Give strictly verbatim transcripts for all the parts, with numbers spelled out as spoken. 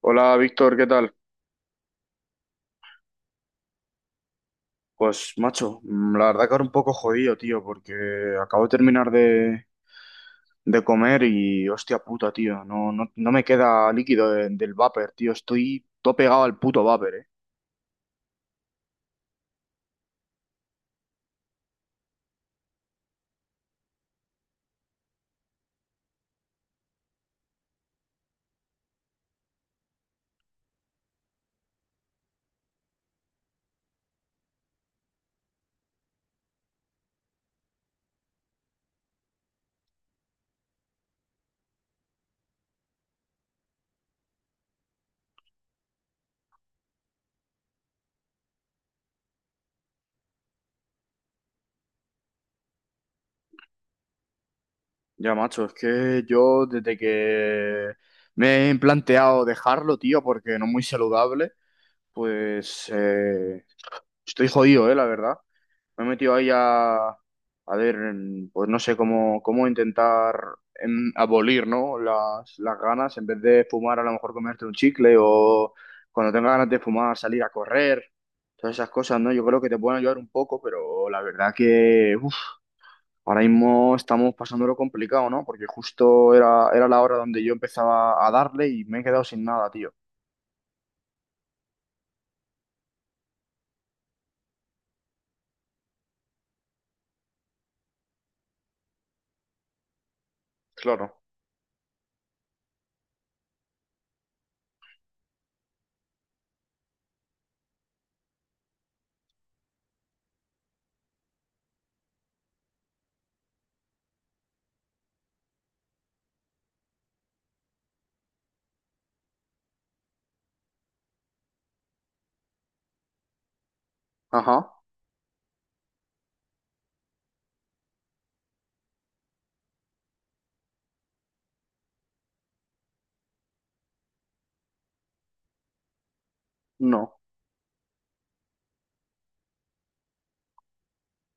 Hola, Víctor, ¿qué tal? Pues macho, mm, la verdad que ahora un poco jodido, tío, porque acabo de terminar de, de comer y hostia puta, tío, no, no, no me queda líquido de- del vapor, tío, estoy todo pegado al puto vapor, eh. Ya macho, es que yo desde que me he planteado dejarlo, tío, porque no es muy saludable, pues eh, estoy jodido, eh, la verdad. Me he metido ahí a, a ver, en- pues no sé cómo, cómo intentar em, abolir, ¿no?, Las, las ganas, en vez de fumar, a lo mejor comerte un chicle o cuando tengas ganas de fumar, salir a correr, todas esas cosas, ¿no? Yo creo que te pueden ayudar un poco, pero la verdad que uf, ahora mismo estamos pasándolo complicado, ¿no? Porque justo era, era la hora donde yo empezaba a darle y me he quedado sin nada, tío. Claro. Ajá, no.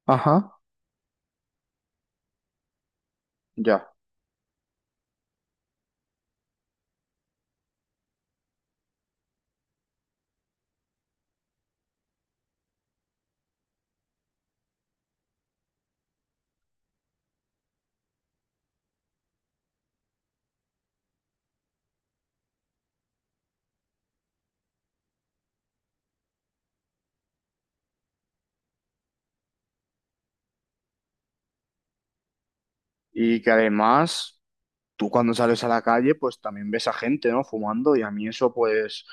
Ajá, ya. Y que además, tú cuando sales a la calle, pues también ves a gente, ¿no?, fumando, y a mí eso pues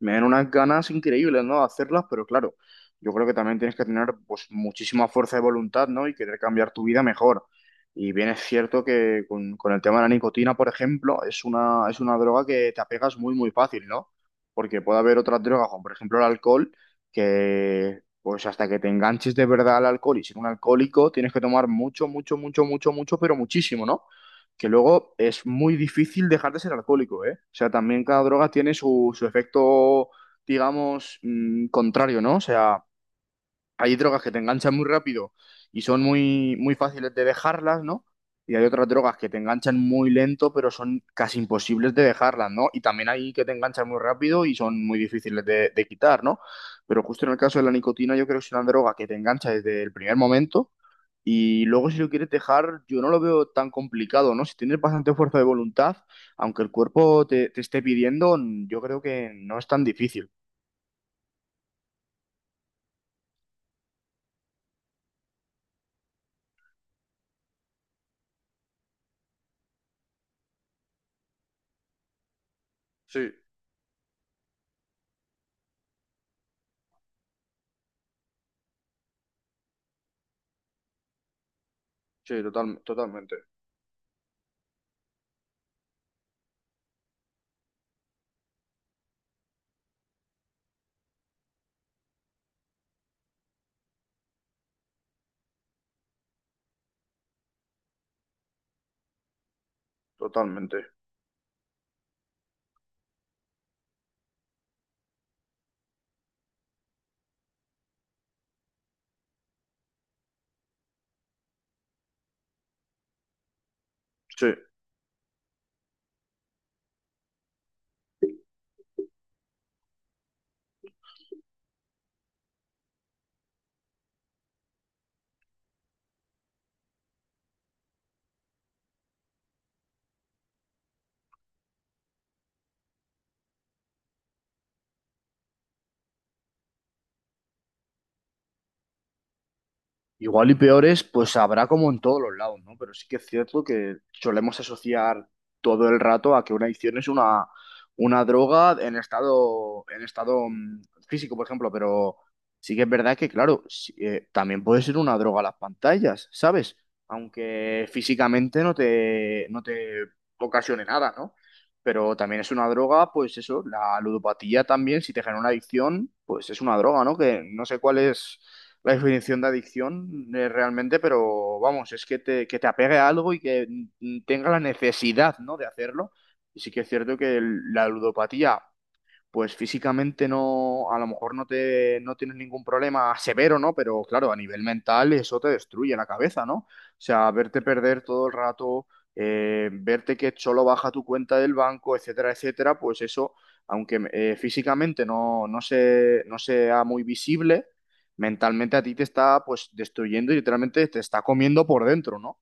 me dan unas ganas increíbles, ¿no?, de hacerlas. Pero claro, yo creo que también tienes que tener pues muchísima fuerza de voluntad, ¿no?, y querer cambiar tu vida mejor. Y bien es cierto que con, con el tema de la nicotina, por ejemplo, es una, es una droga que te apegas muy, muy fácil, ¿no? Porque puede haber otras drogas, como por ejemplo el alcohol, que pues hasta que te enganches de verdad al alcohol y ser un alcohólico, tienes que tomar mucho, mucho, mucho, mucho, mucho, pero muchísimo, ¿no? Que luego es muy difícil dejar de ser alcohólico, ¿eh? O sea, también cada droga tiene su, su efecto, digamos, mm, contrario, ¿no? O sea, hay drogas que te enganchan muy rápido y son muy, muy fáciles de dejarlas, ¿no? Y hay otras drogas que te enganchan muy lento, pero son casi imposibles de dejarlas, ¿no? Y también hay que te enganchan muy rápido y son muy difíciles de, de quitar, ¿no? Pero justo en el caso de la nicotina, yo creo que es una droga que te engancha desde el primer momento y luego si lo quieres dejar, yo no lo veo tan complicado, ¿no? Si tienes bastante fuerza de voluntad, aunque el cuerpo te, te esté pidiendo, yo creo que no es tan difícil. Sí, sí, total- totalmente, totalmente. Sí. Igual y peores, pues habrá como en todos los lados, ¿no? Pero sí que es cierto que solemos asociar todo el rato a que una adicción es una, una droga en estado, en estado mm, físico, por ejemplo. Pero sí que es verdad que, claro, sí, eh, también puede ser una droga las pantallas, ¿sabes? Aunque físicamente no te, no te ocasione nada, ¿no? Pero también es una droga, pues eso, la ludopatía también, si te genera una adicción, pues es una droga, ¿no? Que no sé cuál es la definición de adicción, eh, realmente, pero vamos, es que te, que te apegue a algo y que mm, tenga la necesidad, ¿no?, de hacerlo. Y sí que es cierto que el- la ludopatía pues físicamente no, a lo mejor no te, no tienes ningún problema severo, ¿no? Pero claro, a nivel mental eso te destruye la cabeza, ¿no? O sea, verte perder todo el rato, eh, verte que solo baja tu cuenta del banco, etcétera, etcétera, pues eso, aunque eh, físicamente no, no se, no sea muy visible, mentalmente a ti te está pues destruyendo y literalmente te está comiendo por dentro, ¿no?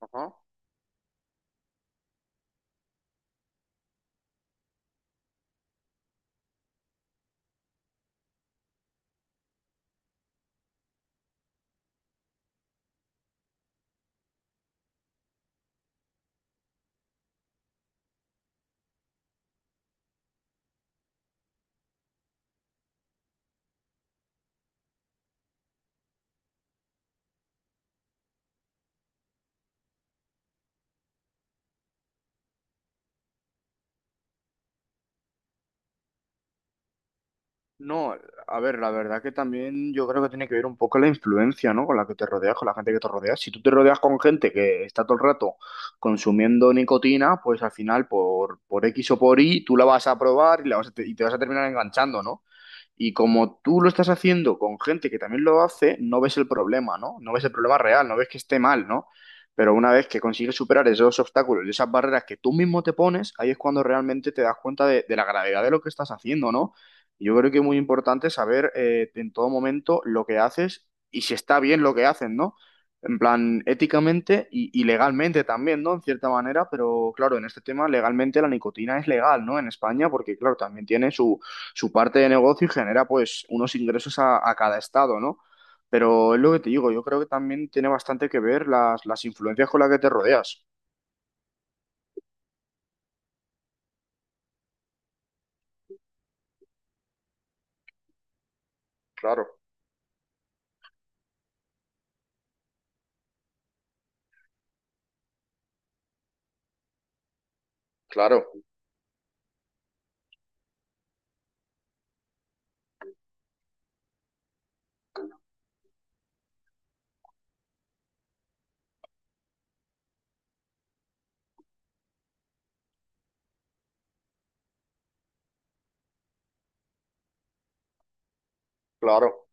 Ajá. No, a ver, la verdad que también yo creo que tiene que ver un poco la influencia, ¿no? Con la que te rodeas, con la gente que te rodeas. Si tú te rodeas con gente que está todo el rato consumiendo nicotina, pues al final por, por X o por Y tú la vas a probar y la vas a te, y te vas a terminar enganchando, ¿no? Y como tú lo estás haciendo con gente que también lo hace, no ves el problema, ¿no? No ves el problema real, no ves que esté mal, ¿no? Pero una vez que consigues superar esos obstáculos y esas barreras que tú mismo te pones, ahí es cuando realmente te das cuenta de, de la gravedad de lo que estás haciendo, ¿no? Y yo creo que es muy importante saber, eh, en todo momento lo que haces y si está bien lo que hacen, ¿no? En plan, éticamente y, y legalmente también, ¿no?, en cierta manera. Pero claro, en este tema legalmente la nicotina es legal, ¿no?, en España, porque claro, también tiene su su parte de negocio y genera pues unos ingresos a, a cada estado, ¿no? Pero es lo que te digo, yo creo que también tiene bastante que ver las, las influencias con las que te rodeas. Claro, claro, claro,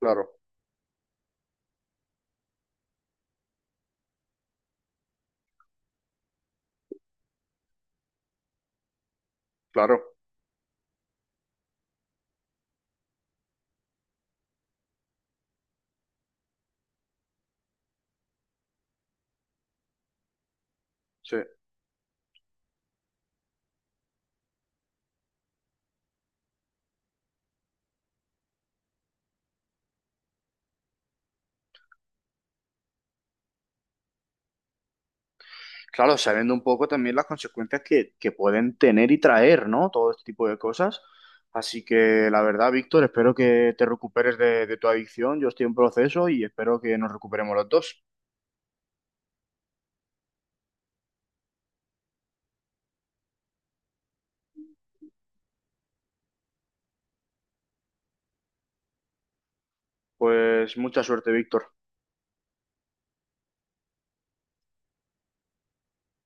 claro, claro. Sí. Claro, sabiendo un poco también las consecuencias que, que pueden tener y traer, ¿no?, todo este tipo de cosas. Así que la verdad, Víctor, espero que te recuperes de, de tu adicción. Yo estoy en proceso y espero que nos recuperemos los dos. Pues mucha suerte, Víctor.